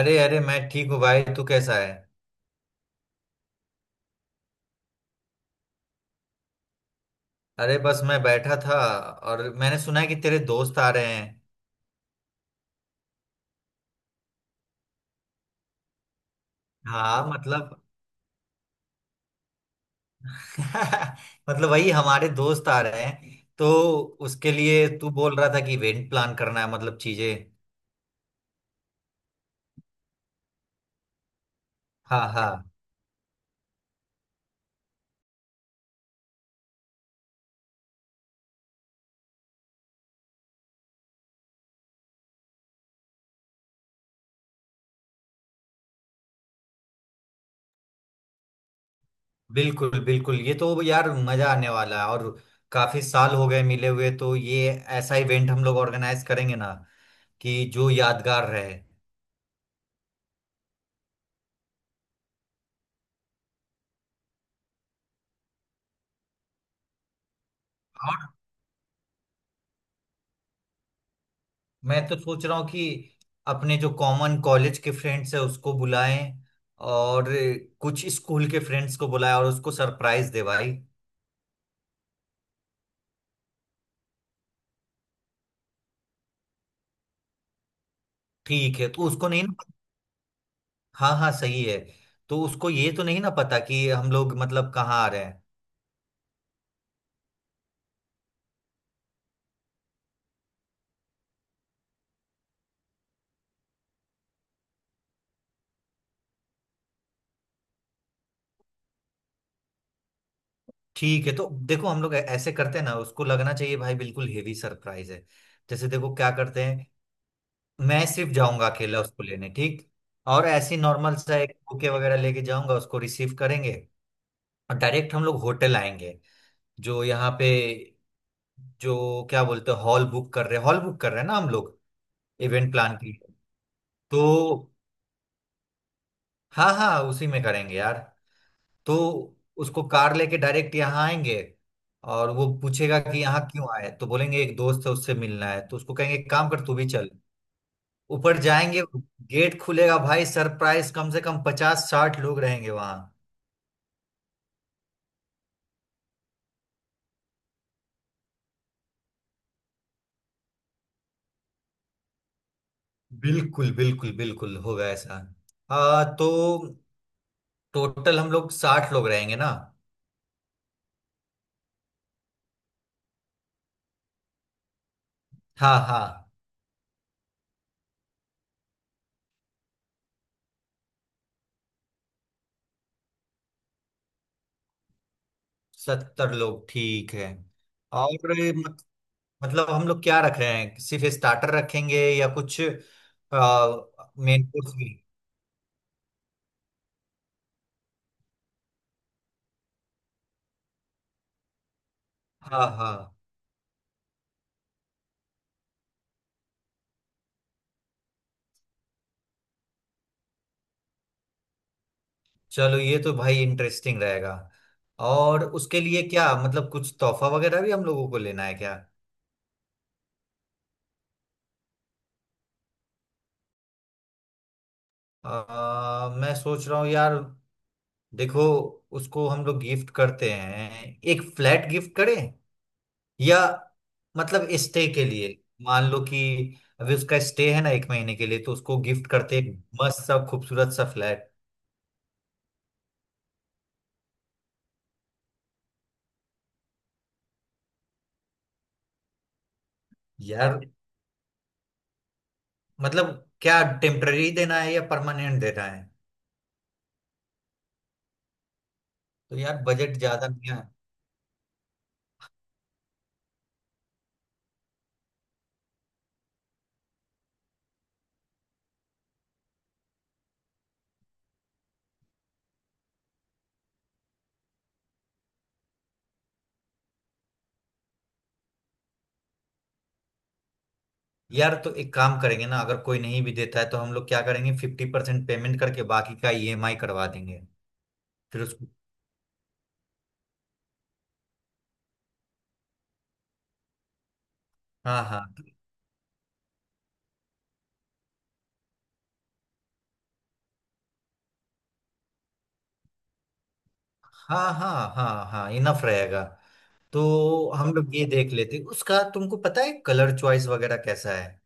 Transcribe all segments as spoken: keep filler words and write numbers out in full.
अरे अरे मैं ठीक हूँ भाई। तू कैसा है? अरे बस मैं बैठा था और मैंने सुना है कि तेरे दोस्त आ रहे हैं। हाँ मतलब मतलब वही हमारे दोस्त आ रहे हैं। तो उसके लिए तू बोल रहा था कि इवेंट प्लान करना है, मतलब चीजें। हाँ हाँ बिल्कुल बिल्कुल, ये तो यार मजा आने वाला है। और काफी साल हो गए मिले हुए, तो ये ऐसा इवेंट हम लोग ऑर्गेनाइज करेंगे ना कि जो यादगार रहे। मैं तो सोच रहा हूँ कि अपने जो कॉमन कॉलेज के फ्रेंड्स है उसको बुलाएं और कुछ स्कूल के फ्रेंड्स को बुलाएं और उसको सरप्राइज दे भाई। ठीक है, तो उसको नहीं ना? हाँ हाँ सही है। तो उसको ये तो नहीं ना पता कि हम लोग मतलब कहाँ आ रहे हैं। ठीक है, तो देखो हम लोग ऐ- ऐसे करते हैं ना, उसको लगना चाहिए भाई बिल्कुल हेवी सरप्राइज है। जैसे देखो क्या करते हैं। मैं सिर्फ जाऊंगा अकेला उसको लेने, ठीक। और ऐसी नॉर्मल सा एक बुके वगैरह लेके जाऊंगा, उसको रिसीव करेंगे। और डायरेक्ट हम लोग होटल आएंगे जो यहाँ पे। जो क्या बोलते हैं, हॉल बुक कर रहे हैं, हॉल बुक कर रहे हैं ना हम लोग, इवेंट प्लान की। तो हाँ हाँ, उसी में करेंगे यार। तो उसको कार लेके डायरेक्ट यहाँ आएंगे और वो पूछेगा कि यहाँ क्यों आए, तो बोलेंगे एक दोस्त है उससे मिलना है, तो उसको कहेंगे एक काम कर तू भी चल। ऊपर जाएंगे, गेट खुलेगा, भाई सरप्राइज, कम से कम पचास साठ लोग रहेंगे वहां। बिल्कुल बिल्कुल बिल्कुल होगा ऐसा। आ, तो टोटल हम लोग साठ लोग रहेंगे ना? हाँ हाँ, सत्तर लोग ठीक है। और मत, मतलब हम लोग क्या रख रहे हैं, सिर्फ स्टार्टर रखेंगे या कुछ मेन कोर्स भी? हाँ हाँ, चलो ये तो भाई इंटरेस्टिंग रहेगा। और उसके लिए क्या मतलब कुछ तोहफा वगैरह भी हम लोगों को लेना है क्या? आ, मैं सोच रहा हूँ यार। देखो, उसको हम लोग गिफ्ट करते हैं, एक फ्लैट गिफ्ट करें या मतलब स्टे के लिए। मान लो कि अभी उसका स्टे है ना एक महीने के लिए, तो उसको गिफ्ट करते हैं एक मस्त सा खूबसूरत सा फ्लैट। यार मतलब क्या टेम्पररी देना है या परमानेंट देना है? तो यार बजट ज्यादा नहीं है। यार तो एक काम करेंगे ना, अगर कोई नहीं भी देता है तो हम लोग क्या करेंगे, फिफ्टी परसेंट पेमेंट करके बाकी का ई एम आई करवा देंगे। फिर उसको हाँ हाँ हाँ हाँ हाँ हाँ इनफ रहेगा। तो हम लोग ये देख लेते, उसका तुमको पता है कलर चॉइस वगैरह कैसा है?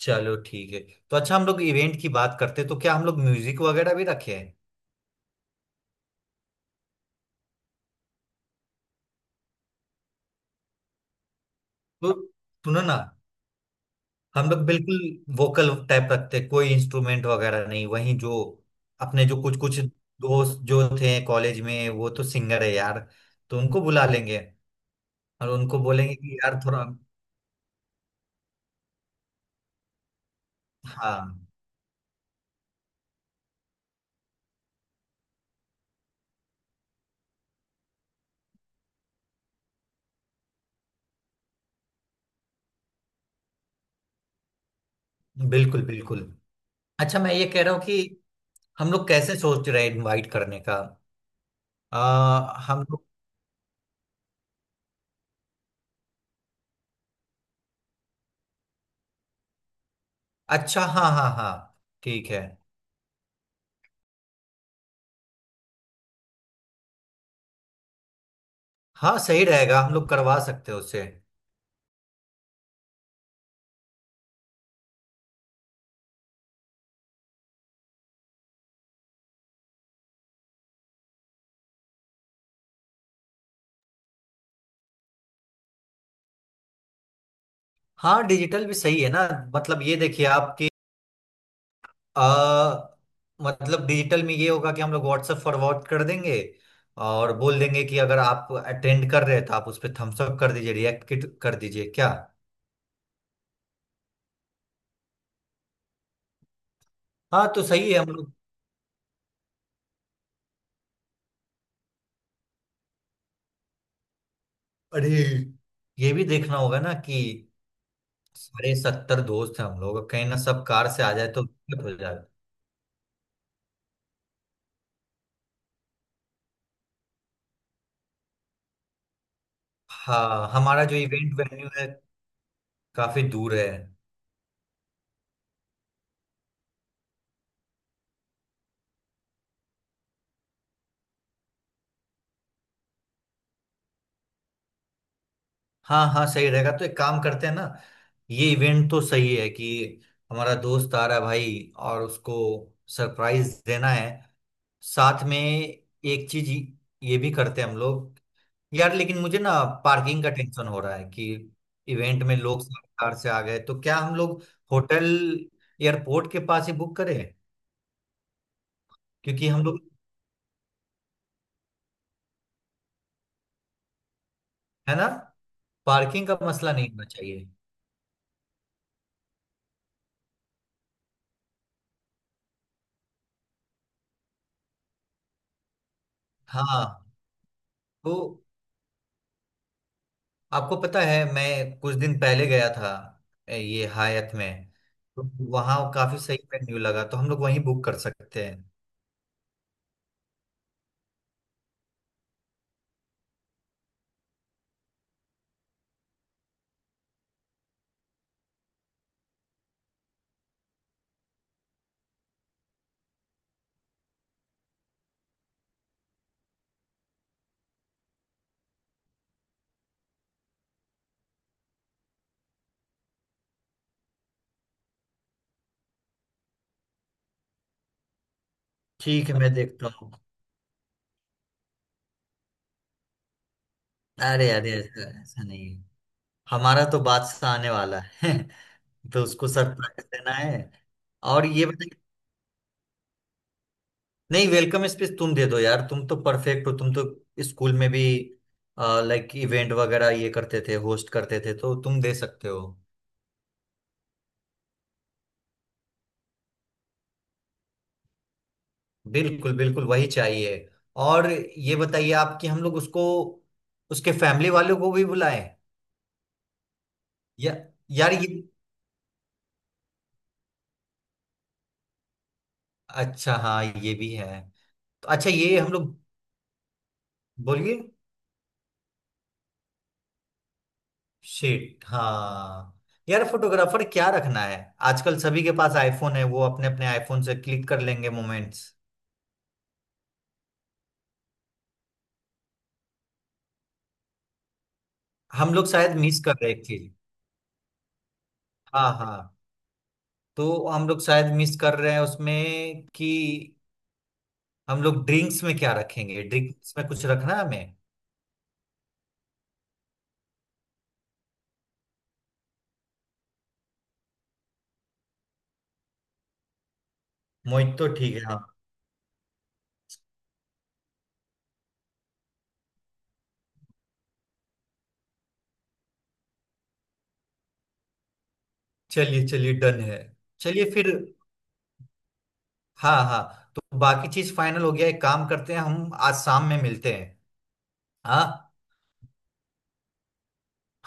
चलो ठीक है। तो अच्छा हम लोग इवेंट की बात करते हैं, तो क्या हम लोग म्यूजिक वगैरह भी रखे हैं? तो सुनो ना, हम लोग बिल्कुल वोकल टाइप रखते हैं, कोई इंस्ट्रूमेंट वगैरह नहीं। वहीं जो अपने जो कुछ कुछ दोस्त जो थे कॉलेज में वो तो सिंगर है यार, तो उनको बुला लेंगे। और उनको बोलेंगे कि यार थोड़ा हाँ बिल्कुल बिल्कुल। अच्छा, मैं ये कह रहा हूँ कि हम लोग कैसे सोच रहे हैं इनवाइट करने का? आ, हम लोग अच्छा हाँ हाँ हाँ ठीक है। हाँ सही रहेगा, हम लोग करवा सकते हैं उससे। हाँ डिजिटल भी सही है ना, मतलब ये देखिए आपकी आ, मतलब डिजिटल में ये होगा कि हम लोग व्हाट्सएप फॉरवर्ड कर देंगे और बोल देंगे कि अगर आप अटेंड कर रहे हैं तो आप उस पर थम्स अप कर दीजिए, रिएक्ट कर दीजिए क्या? हाँ तो सही है, हम लोग। अरे, ये भी देखना होगा ना कि सारे सत्तर दोस्त हैं, हम लोग कहीं ना सब कार से आ जाए तो दिक्कत हो जाए। हाँ, हमारा जो इवेंट वेन्यू है काफी दूर है। हाँ हाँ सही रहेगा, तो एक काम करते हैं ना, ये इवेंट तो सही है कि हमारा दोस्त आ रहा है भाई और उसको सरप्राइज देना है, साथ में एक चीज ये भी करते हैं हम लोग। यार लेकिन मुझे ना पार्किंग का टेंशन हो रहा है कि इवेंट में लोग कार से आ गए तो, क्या हम लोग होटल एयरपोर्ट के पास ही बुक करें? क्योंकि हम लोग, है ना, पार्किंग का मसला नहीं होना चाहिए। हाँ, तो आपको पता है मैं कुछ दिन पहले गया था ए, ये हायत में। तो वहाँ काफी सही मेन्यू लगा, तो हम लोग वहीं बुक कर सकते हैं। ठीक है, मैं देखता हूँ। अरे अरे ऐसा ऐसा नहीं है, हमारा तो बादशाह आने वाला है। तो उसको सरप्राइज देना है। और ये बताइए, नहीं, वेलकम स्पीच तुम दे दो यार, तुम तो परफेक्ट हो, तुम तो स्कूल में भी लाइक इवेंट वगैरह ये करते थे, होस्ट करते थे, तो तुम दे सकते हो। बिल्कुल बिल्कुल वही चाहिए। और ये बताइए आप कि हम लोग उसको उसके फैमिली वालों को भी बुलाएं या? यार ये अच्छा हाँ ये भी है। तो अच्छा ये हम लोग, बोलिए। शिट हाँ। यार फोटोग्राफर क्या रखना है, आजकल सभी के पास आईफोन है, वो अपने अपने आईफोन से क्लिक कर लेंगे मोमेंट्स। हम लोग शायद मिस कर रहे हैं एक चीज। हाँ हाँ, तो हम लोग शायद मिस कर रहे हैं उसमें कि हम लोग ड्रिंक्स में क्या रखेंगे, ड्रिंक्स में कुछ रखना है हमें। मोहित तो ठीक है हाँ। चलिए चलिए डन है। चलिए फिर, हाँ हाँ, तो बाकी चीज फाइनल हो गया, एक काम करते हैं हम आज शाम में मिलते हैं। हाँ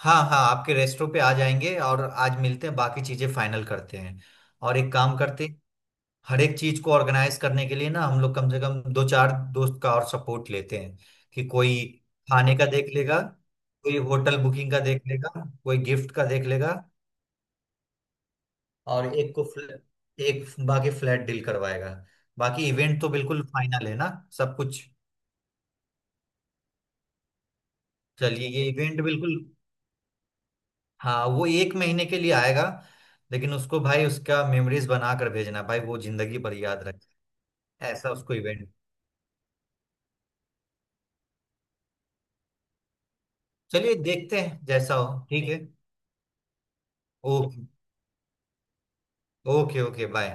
हाँ हाँ, आपके रेस्टोरेंट पे आ जाएंगे और आज मिलते हैं, बाकी चीजें फाइनल करते हैं। और एक काम करते हैं, हर एक चीज को ऑर्गेनाइज करने के लिए ना हम लोग कम से कम दो चार दोस्त का और सपोर्ट लेते हैं, कि कोई खाने का देख लेगा, कोई होटल बुकिंग का देख लेगा, कोई गिफ्ट का देख लेगा, और एक को फ्ल, एक बाकी फ्लैट डील करवाएगा। बाकी इवेंट तो बिल्कुल फाइनल है ना, सब कुछ। चलिए ये इवेंट बिल्कुल। हाँ वो एक महीने के लिए आएगा लेकिन उसको भाई उसका मेमोरीज बना कर भेजना भाई, वो जिंदगी भर याद रखे। ऐसा उसको इवेंट। चलिए देखते हैं जैसा हो, ठीक है। Okay okay okay bye.